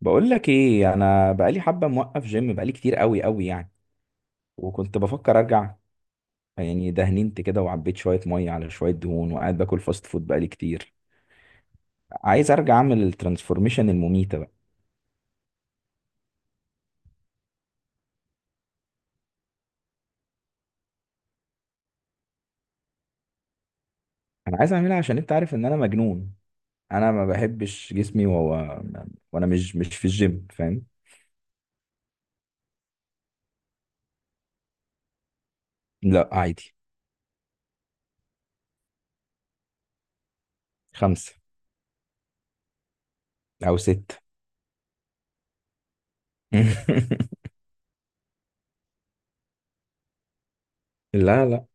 بقول لك ايه، انا بقالي حبه موقف جيم بقالي كتير قوي قوي يعني. وكنت بفكر ارجع. يعني دهننت كده وعبيت شويه ميه على شويه دهون وقاعد باكل فاست فود بقالي كتير. عايز ارجع اعمل الترانسفورميشن المميته بقى. انا عايز اعملها عشان انت عارف ان انا مجنون. انا ما بحبش جسمي وهو. وانا مش في الجيم، فاهم. لا عادي. 5 او 6. لا لا،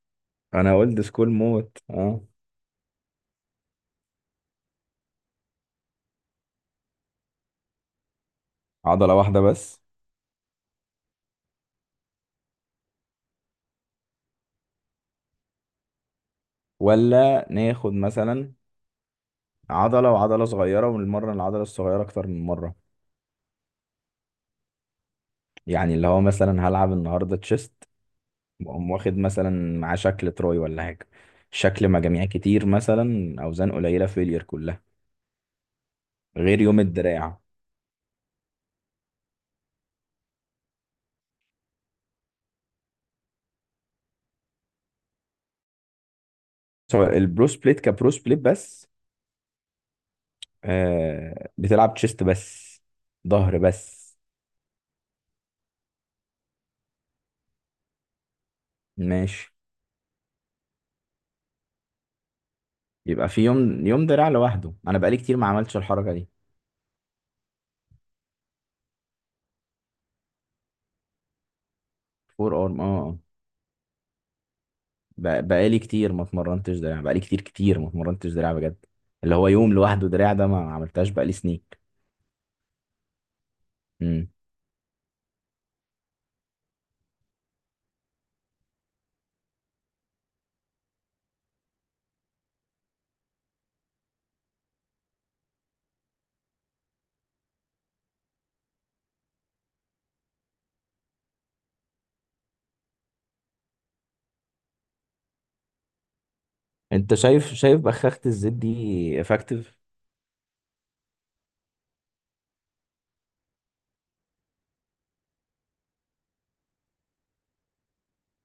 انا اولد سكول موت، اه. عضله واحده بس. ولا ناخد مثلا عضلة وعضلة صغيرة ونمرن العضلة الصغيرة أكتر من مرة. يعني اللي هو مثلا هلعب النهاردة تشيست. وأقوم واخد مثلا مع شكل تروي ولا حاجة. شكل مجاميع كتير مثلا، أوزان قليلة فيلير كلها. غير يوم الدراع. سواء البرو سبليت، كبرو سبليت بس. آه، بتلعب تشيست بس. ظهر بس. ماشي، يبقى في يوم يوم دراع لوحده. أنا بقالي كتير ما عملتش الحركة دي. فور أرم، اه، آه. بقالي كتير ما اتمرنتش دراع، بقالي كتير كتير ما اتمرنتش دراع بجد. اللي هو يوم لوحده دراع ده ما عملتهاش بقالي سنين. امم انت شايف بخاخة الزيت دي افكتيف؟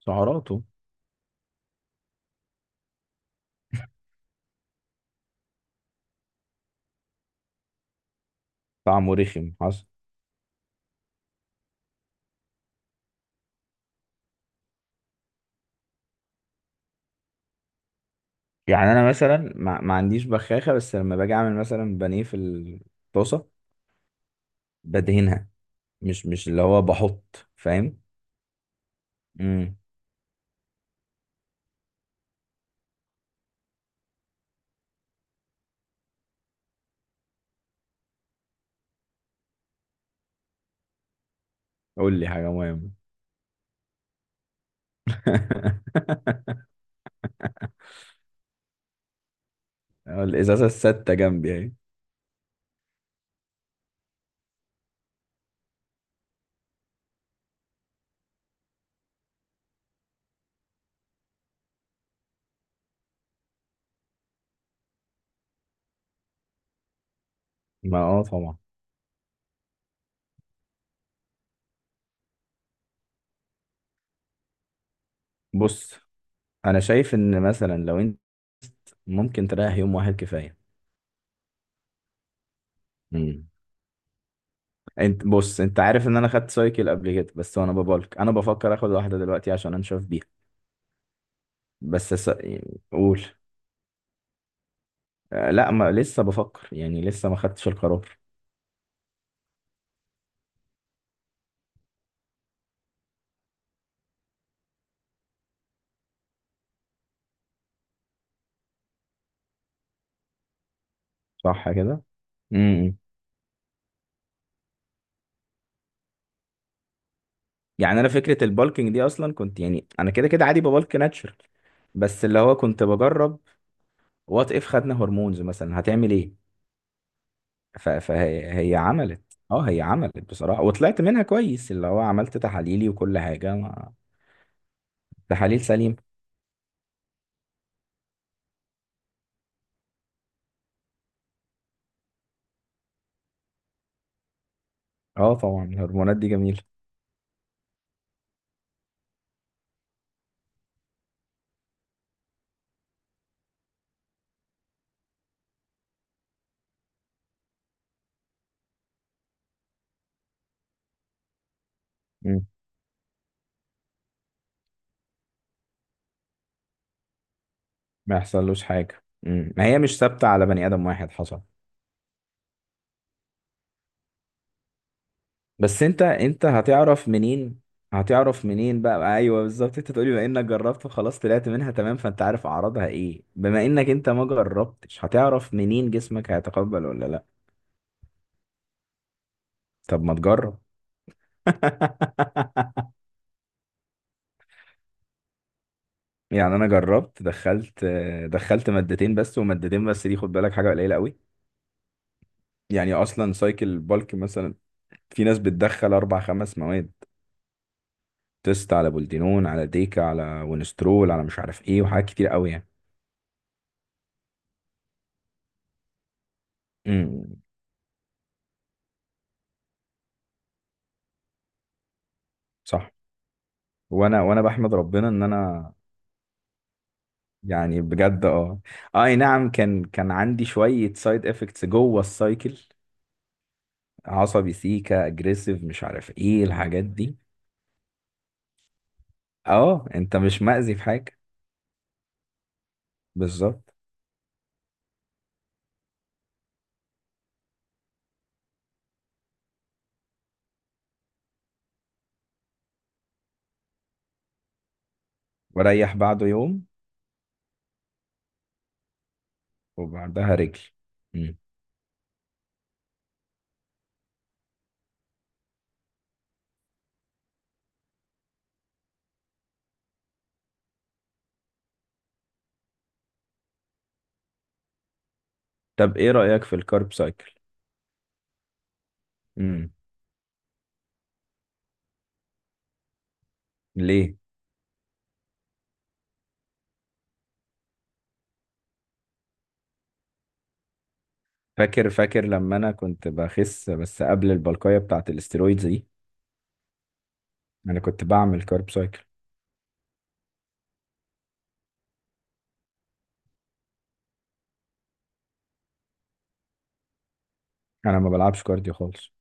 سعراته؟ طعمه رخم حصل. يعني انا مثلا ما عنديش بخاخة، بس لما باجي اعمل مثلا بانيه في الطاسة. بدهنها. مش اللي هو بحط، فاهم. امم قول لي حاجة مهمة. الازازة الستة جنبي اهي. ما، اه، طبعا. بص، انا شايف ان مثلا لو انت ممكن تريح يوم واحد كفاية. مم. انت، بص، انت عارف ان انا خدت سايكل قبل كده بس، وانا ببالك انا بفكر اخد واحدة دلوقتي عشان انشف بيها. بس س... قول. آه، لا، ما لسه بفكر، يعني لسه ما خدتش القرار. صح كده. امم يعني انا فكرة البالكينج دي اصلا كنت، يعني انا كده كده عادي ببالك ناتشرال. بس اللي هو كنت بجرب. وات اف خدنا هرمونز مثلا هتعمل ايه؟ فهي عملت. اه، هي عملت بصراحة وطلعت منها كويس، اللي هو عملت تحاليلي وكل حاجة، ما... تحاليل سليمة. اه، طبعا الهرمونات دي جميلة. مم. ما يحصلوش حاجة. مم. ما هي مش ثابتة على بني آدم واحد، حصل. بس انت هتعرف منين؟ هتعرف منين بقى؟ ايوه بالظبط، انت تقولي بما انك جربت وخلاص طلعت منها تمام، فانت عارف اعراضها ايه. بما انك انت ما جربتش، هتعرف منين جسمك هيتقبل ولا لا؟ طب ما تجرب. يعني انا جربت، دخلت مادتين بس، ومادتين بس دي خد بالك حاجة قليلة قوي. يعني اصلا سايكل بالك مثلا، في ناس بتدخل اربع خمس مواد. تيست على بولدينون على ديكا على ونسترول على مش عارف ايه، وحاجات كتير قوي يعني. امم صح. وانا بحمد ربنا ان انا، يعني بجد، اه. آه، اي نعم، كان عندي شوية سايد افكتس جوه السايكل. عصبي، سيكا، اجريسيف، مش عارف ايه الحاجات دي. اه، انت مش مأذي في حاجة. بالظبط. وريح بعده يوم. وبعدها رجل. امم طب ايه رأيك في الكارب سايكل؟ امم ليه؟ فاكر لما انا كنت بخس بس قبل البلقايه بتاعت الاسترويدز دي. انا كنت بعمل كارب سايكل. انا ما بلعبش كارديو خالص.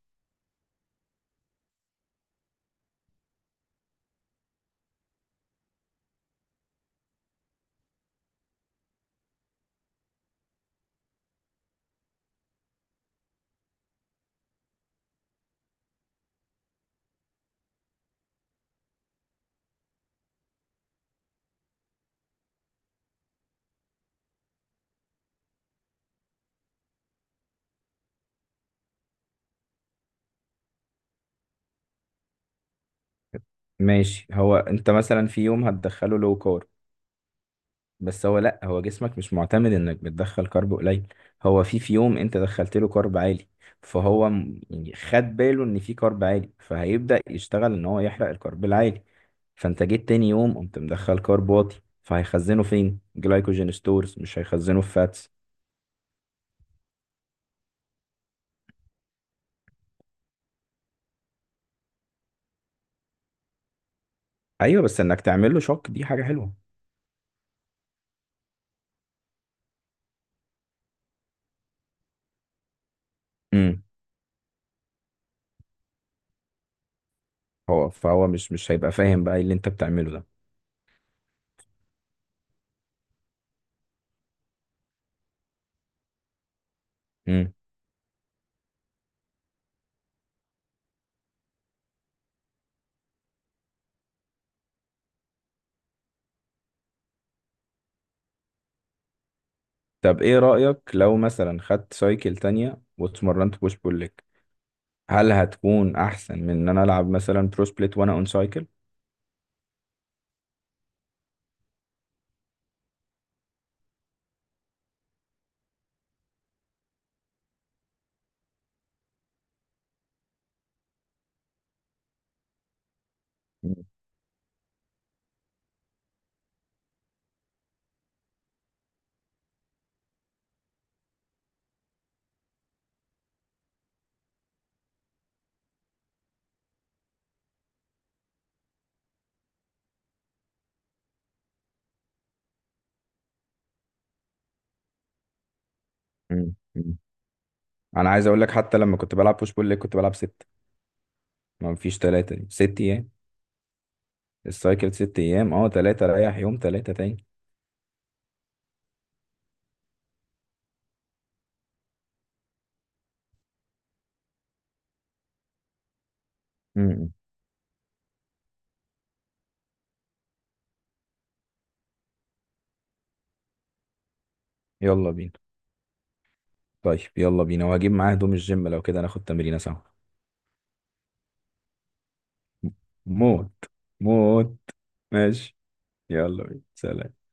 ماشي، هو انت مثلا في يوم هتدخله لو كارب. بس هو، لا، هو جسمك مش معتمد انك بتدخل كارب قليل. هو في يوم انت دخلت له كارب عالي. فهو يعني خد باله ان في كارب عالي، فهيبدأ يشتغل ان هو يحرق الكارب العالي. فانت جيت تاني يوم قمت مدخل كارب واطي، فهيخزنه فين؟ جلايكوجين ستورز، مش هيخزنه في فاتس. ايوه، بس انك تعمل له شوك دي حاجه حلوه. امم فهو مش هيبقى فاهم بقى إيه اللي انت بتعمله ده. امم طب ايه رايك لو مثلا خدت سايكل تانية واتمرنت بوش بول ليج، هل هتكون احسن من ان انا العب مثلا برو سبليت وانا اون سايكل؟ مم. مم. انا عايز اقول لك، حتى لما كنت بلعب بوش بول ليج كنت بلعب 6. ما فيش 3، دي 6 ايام. السايكل 6 ايام، اه، 3 رايح يوم 3 تاني. مم. يلا بينا. طيب يلا بينا، وهجيب معاه هدوم الجيم لو كده ناخد تمرينه سوا. موت. موت. ماشي. يلا بينا، سلام.